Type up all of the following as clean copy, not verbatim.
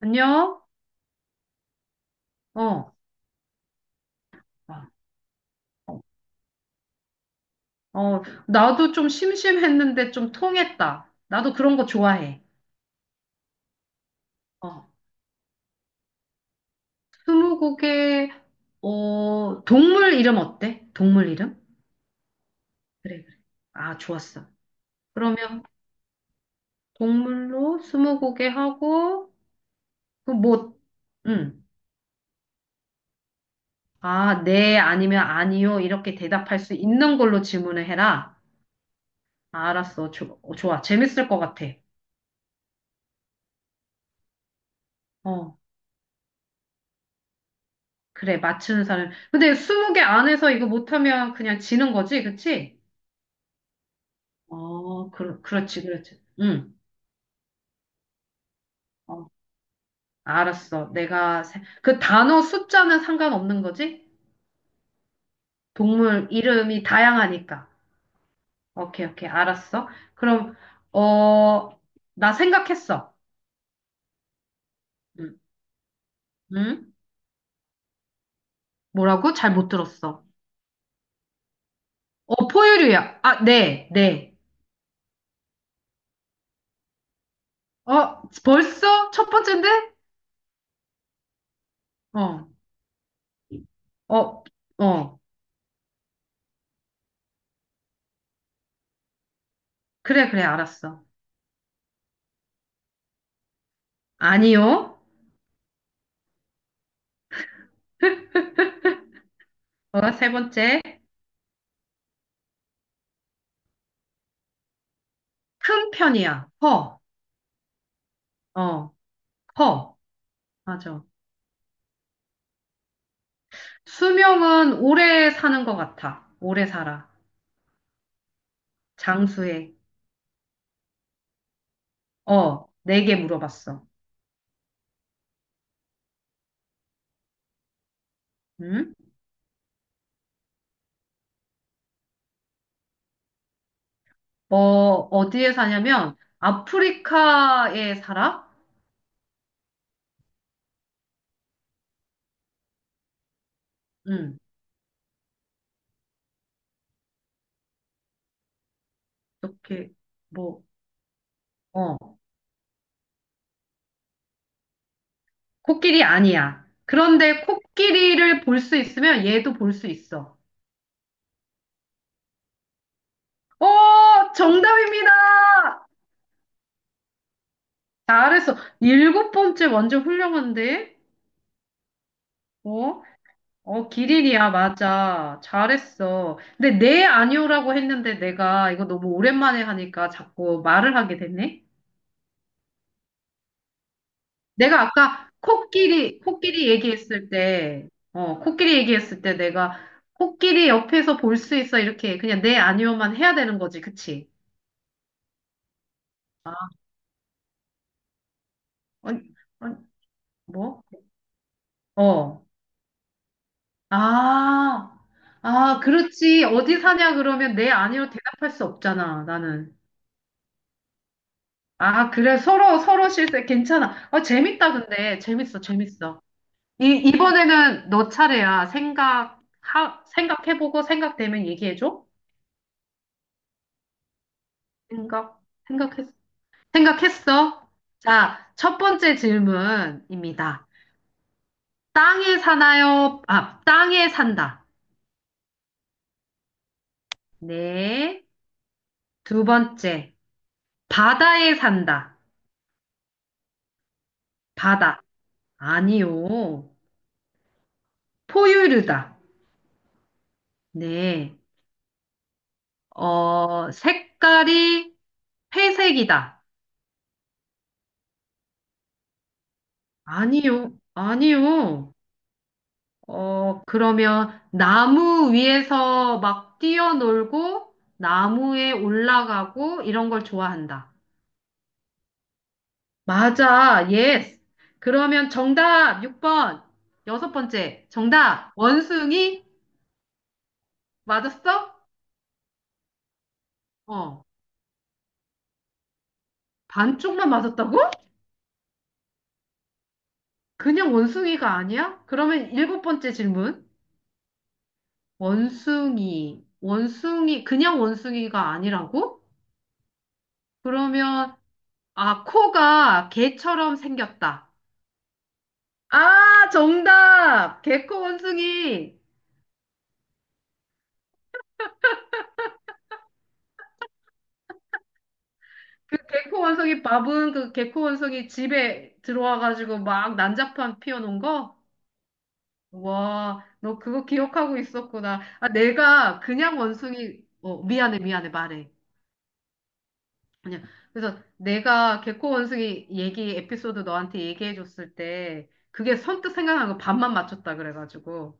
안녕? 어, 아, 어, 나도 좀 심심했는데 좀 통했다. 나도 그런 거 좋아해. 어, 스무고개, 동물 이름 어때? 동물 이름? 그래, 그래. 아, 좋았어. 그러면 동물로 스무고개 하고, 그 뭐, 응. 아, 네, 아니면 아니요. 이렇게 대답할 수 있는 걸로 질문을 해라. 아, 알았어. 좋아. 재밌을 것 같아. 어. 그래, 맞추는 사람. 근데 스무 개 안에서 이거 못하면 그냥 지는 거지, 그치? 어, 그렇지, 그렇지. 응. 어, 알았어. 그 단어 숫자는 상관없는 거지? 동물 이름이 다양하니까. 오케이, 오케이. 알았어. 그럼, 어, 나 생각했어. 응, 응? 뭐라고? 잘 못 들었어. 어, 포유류야. 아, 네, 네. 어, 벌써? 첫 번째인데? 어, 어, 어. 그래, 그래, 알았어. 아니요. 어, 세 번째, 큰 편이야. 커. 어, 커. 맞아. 수명은 오래 사는 것 같아. 오래 살아. 장수해. 어, 네 개 물어봤어. 응? 어, 어디에 사냐면, 아프리카에 살아? 응, 이렇게, 뭐, 어, 코끼리 아니야. 그런데 코끼리를 볼 수 있으면 얘도 볼 수 있어. 어, 정답입니다! 잘했어. 일곱 번째 완전 훌륭한데? 어? 어, 기린이야, 맞아. 잘했어. 근데 네, 아니오라고 했는데 내가 이거 너무 오랜만에 하니까 자꾸 말을 하게 됐네? 내가 아까 코끼리 얘기했을 때, 어, 코끼리 얘기했을 때 내가 코끼리 옆에서 볼 수 있어. 이렇게 그냥 네, 아니오만 해야 되는 거지. 그치? 아, 아니, 아니, 뭐? 어. 아, 아, 그렇지. 어디 사냐, 그러면 네, 아니로 대답할 수 없잖아, 나는. 아, 그래. 서로, 서로 실세. 괜찮아. 어, 재밌다, 근데. 재밌어, 재밌어. 이번에는 너 차례야. 생각해보고 생각되면 얘기해줘. 생각, 생각했, 생각했어. 자, 첫 번째 질문입니다. 땅에 사나요? 아, 땅에 산다. 네. 두 번째. 바다에 산다. 바다. 아니요. 포유류다. 네. 어, 색깔이 회색이다. 아니요. 어, 그러면 나무 위에서 막 뛰어놀고, 나무에 올라가고, 이런 걸 좋아한다. 맞아, 예스. 그러면 정답 6번. 여섯 번째, 정답. 원숭이? 맞았어? 어, 반쪽만 맞았다고? 그냥 원숭이가 아니야? 그러면 일곱 번째 질문. 그냥 원숭이가 아니라고? 그러면 아, 코가 개처럼 생겼다. 아, 정답! 개코 원숭이! 그 개코 원숭이 밥은 그 개코 원숭이 집에 들어와가지고 막 난장판 피워놓은 거? 와, 너 그거 기억하고 있었구나. 아, 내가 그냥 원숭이, 어, 미안해, 말해. 그냥, 그래서 내가 개코 원숭이 얘기, 에피소드 너한테 얘기해줬을 때, 그게 선뜻 생각난 거 반만 맞췄다 그래가지고.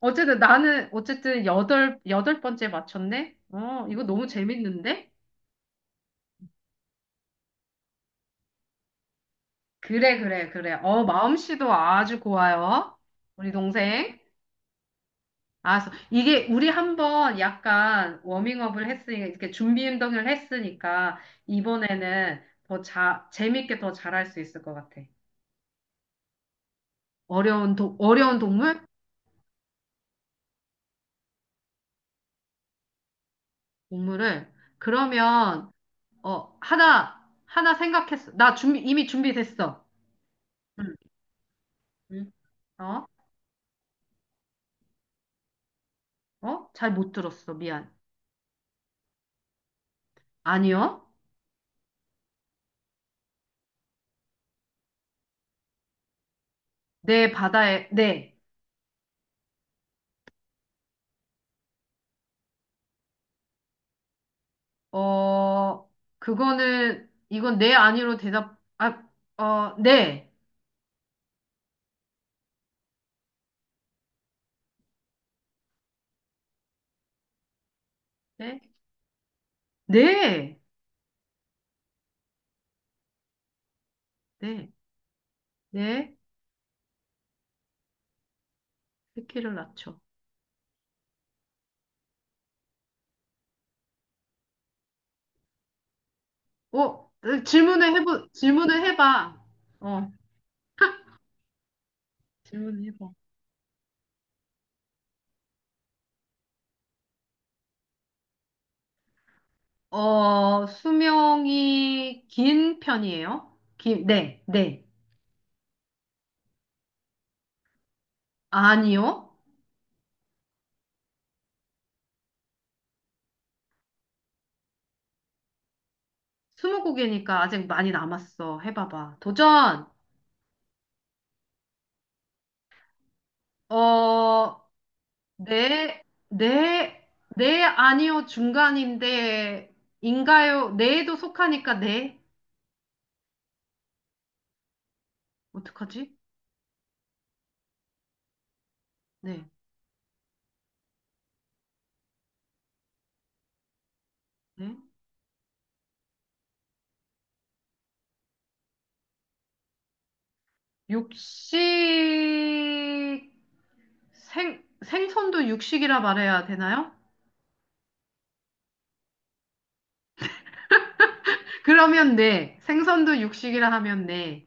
어쨌든 나는 어쨌든 여덟 번째 맞췄네. 어, 이거 너무 재밌는데? 그래, 그래, 그래. 어, 마음씨도 아주 고와요. 우리 동생. 알았어. 이게 우리 한번 약간 워밍업을 했으니까 이렇게 준비 운동을 했으니까 이번에는 재밌게 더 잘할 수 있을 것 같아. 어려운 동물? 동물을 그러면 어, 하나 생각했어. 나 준비 이미 준비됐어. 응. 응. 어? 어? 잘 못 들었어. 미안. 아니요. 내 바다에, 네. 어, 그거는, 이건 네 아니로 대답, 아, 어, 네. 네? 네. 네. 네. 새끼를 낳죠. 어, 질문을 해봐. 어, 질문을 해봐. 어, 수명이 긴 편이에요? 긴, 네, 네. 아니요. 스무고개니까 아직 많이 남았어. 해봐봐. 도전! 어, 네, 네, 네, 아니요, 중간인데, 인가요? 네에도 속하니까 네. 어떡하지? 네, 네. 육식, 생선도 육식이라 말해야 되나요? 그러면 네. 생선도 육식이라 하면 네.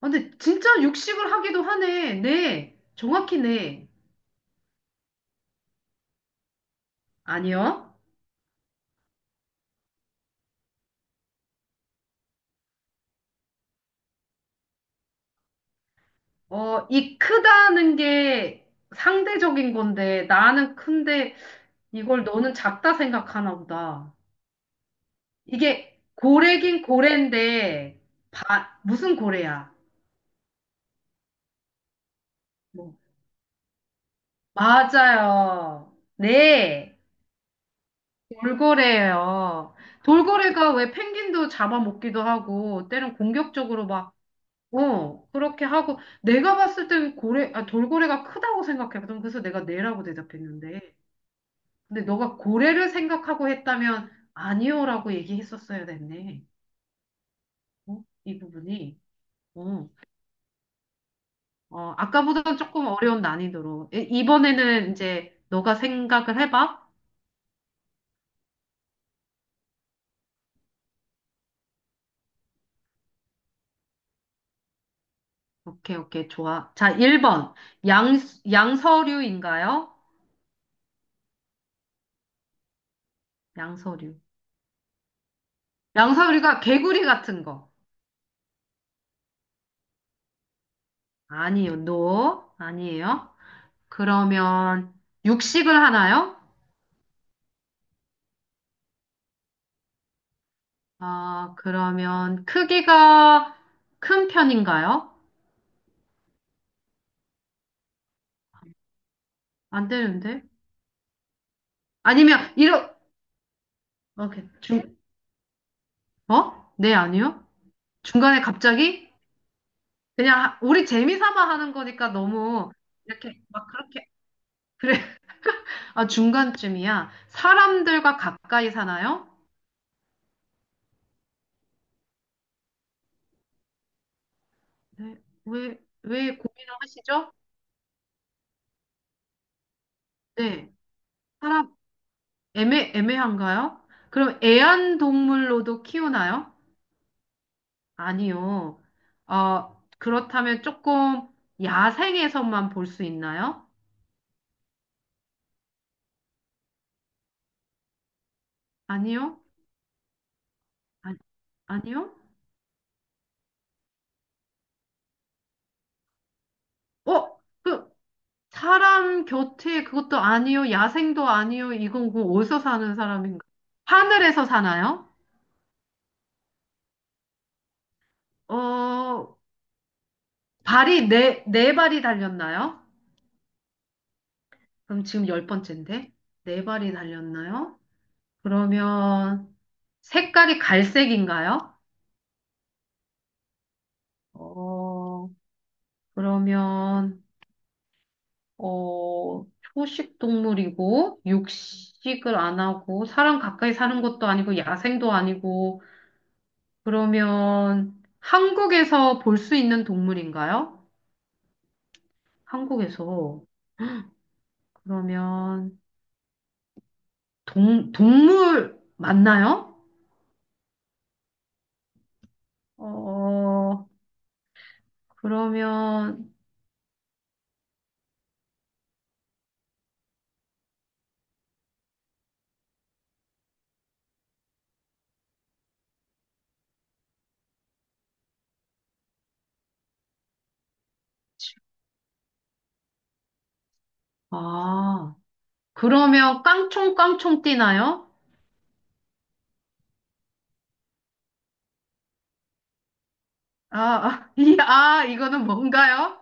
아, 근데 진짜 육식을 하기도 하네. 네. 정확히 네. 아니요. 어, 이 크다는 게 상대적인 건데, 나는 큰데, 이걸 너는 작다 생각하나 보다. 이게 고래긴 고래인데, 무슨 고래야? 뭐, 맞아요. 네, 돌고래예요. 돌고래가 왜 펭귄도 잡아먹기도 하고, 때론 공격적으로 막, 어, 그렇게 하고, 내가 봤을 때는 고래, 아, 돌고래가 크다고 생각했거든. 그래서 내가 네라고 대답했는데. 근데 너가 고래를 생각하고 했다면, 아니요라고 얘기했었어야 됐네. 어? 이 부분이. 어. 어, 아까보다는 조금 어려운 난이도로. 이번에는 이제 너가 생각을 해봐. 오케이, 오케이, 좋아. 자, 1번. 양, 양서류인가요? 양서류. 양서류가 개구리 같은 거. 아니요, 노 아니에요. 그러면 육식을 하나요? 아, 그러면 크기가 큰 편인가요? 안 되는데? 아니면, 이러, 오케이. 어? 네, 아니요? 중간에 갑자기? 우리 재미 삼아 하는 거니까 너무 이렇게 막 그렇게 그래 아 중간쯤이야 사람들과 가까이 사나요? 네. 왜 고민을 하시죠? 네 사람 애매한가요? 그럼 애완동물로도 키우나요? 아니요. 어 그렇다면 조금 야생에서만 볼 수 있나요? 아니요. 아, 아니요. 어? 그 사람 곁에 그것도 아니요, 야생도 아니요, 이건 그 어디서 사는 사람인가? 하늘에서 사나요? 어, 네 발이 달렸나요? 그럼 지금 열 번째인데? 네 발이 달렸나요? 그러면 색깔이 갈색인가요? 어, 그러면, 어, 초식 동물이고, 육식을 안 하고, 사람 가까이 사는 것도 아니고, 야생도 아니고, 그러면 한국에서 볼 수 있는 동물인가요? 한국에서. 그러면 동물 맞나요? 어, 그러면, 아, 그러면 깡총깡총 뛰나요? 아, 아, 이, 아, 이거는 뭔가요?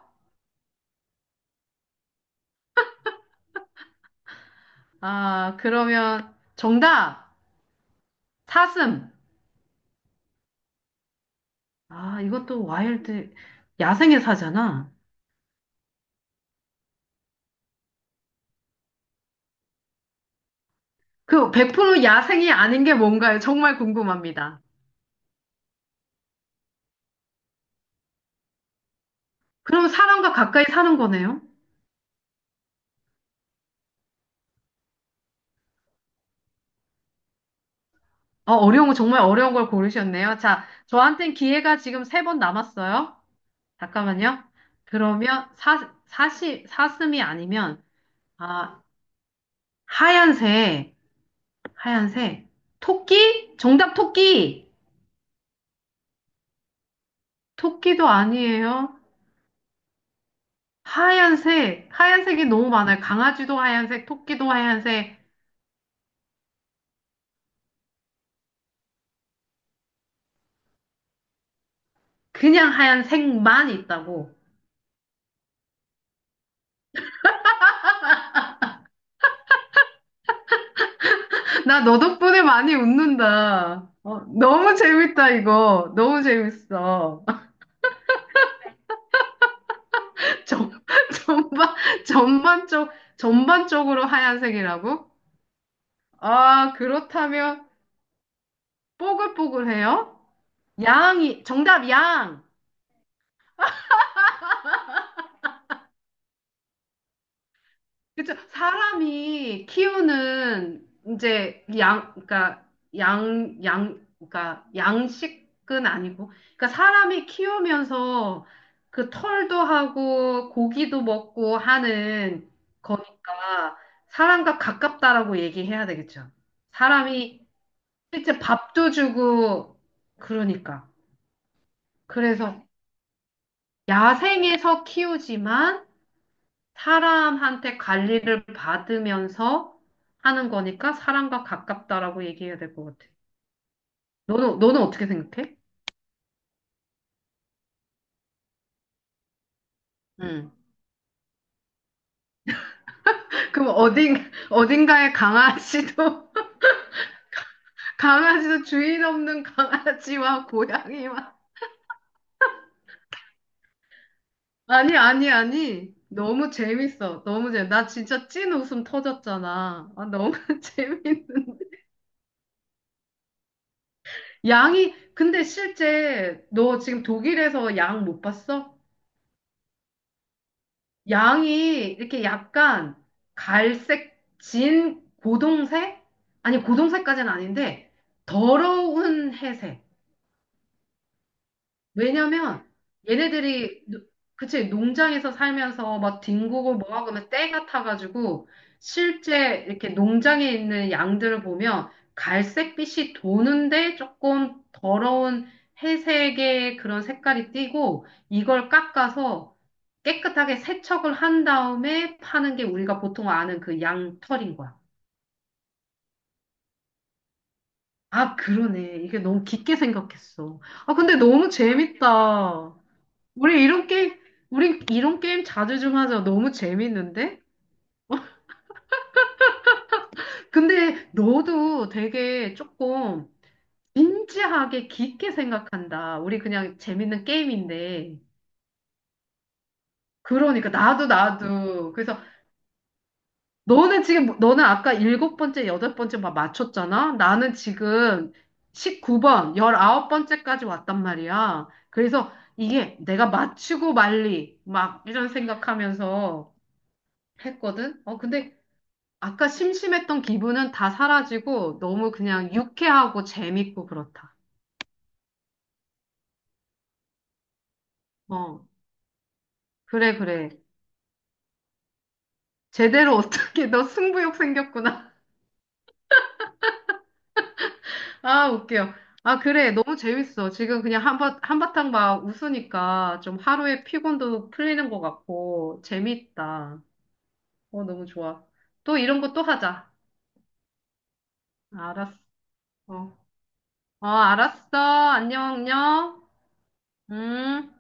아, 그러면 정답! 사슴! 아, 이것도 와일드, 야생의 사잖아. 그 100% 야생이 아닌 게 뭔가요? 정말 궁금합니다. 그럼 사람과 가까이 사는 거네요? 어, 어려운 거, 정말 어려운 걸 고르셨네요. 자, 저한텐 기회가 지금 세 번 남았어요. 잠깐만요. 그러면 사슴이 아니면, 아, 하얀색, 하얀색. 토끼? 정답 토끼! 토끼도 아니에요. 하얀색이 너무 많아요. 강아지도 하얀색, 토끼도 하얀색, 그냥 하얀색만 있다고. 나 너 덕분에 많이 웃는다. 어, 너무 재밌다, 이거. 너무 재밌어. 전, 전반, 전반적, 전반적으로 하얀색이라고? 아, 그렇다면, 뽀글뽀글해요? 양이, 정답, 양! 그렇죠. 사람이 키우는 이제 양, 그러니까 양, 그러니까 양식은 아니고, 그러니까 사람이 키우면서 그 털도 하고 고기도 먹고 하는 거니까 사람과 가깝다라고 얘기해야 되겠죠. 사람이 실제 밥도 주고 그러니까. 그래서 야생에서 키우지만 사람한테 관리를 받으면서 하는 거니까 사람과 가깝다라고 얘기해야 될 것 같아. 너는 어떻게 생각해? 음. 그럼 어딘, 어딘가에 강아지도, 강아지도 주인 없는 강아지와 고양이와. 아니. 너무 재밌어. 너무 재밌어. 나 진짜 찐 웃음 터졌잖아. 아, 너무 재밌네. 양이, 근데 실제 너 지금 독일에서 양 못 봤어? 양이 이렇게 약간 갈색, 진 고동색? 아니, 고동색까지는 아닌데, 더러운 회색. 왜냐면, 얘네들이, 노- 그치, 농장에서 살면서 막 뒹구고 뭐하고 하면 때가 타가지고, 실제 이렇게 농장에 있는 양들을 보면, 갈색빛이 도는데 조금 더러운 회색의 그런 색깔이 띠고, 이걸 깎아서 깨끗하게 세척을 한 다음에 파는 게 우리가 보통 아는 그 양털인 거야. 아, 그러네. 이게 너무 깊게 생각했어. 아, 근데 너무 재밌다. 우리 이런 게임, 우리 이런 게임 자주 좀 하자. 너무 재밌는데? 근데 너도 되게 조금 진지하게 깊게 생각한다. 우리 그냥 재밌는 게임인데. 그러니까 나도 나도. 그래서 너는 아까 일곱 번째, 여덟 번째 막 맞췄잖아? 나는 지금 19번째까지 왔단 말이야. 그래서 이게 내가 맞추고 말리, 막 이런 생각하면서 했거든? 어, 근데 아까 심심했던 기분은 다 사라지고 너무 그냥 유쾌하고 재밌고 그렇다. 어, 그래, 그래. 제대로 어떻게, 너 승부욕 생겼구나. 아, 웃겨. 아, 그래. 너무 재밌어. 지금 그냥 한바탕 막 웃으니까 좀 하루의 피곤도 풀리는 것 같고, 재밌다. 어, 너무 좋아. 또 이런 거 또 하자. 알았어. 어, 알았어. 안녕, 안녕. 음.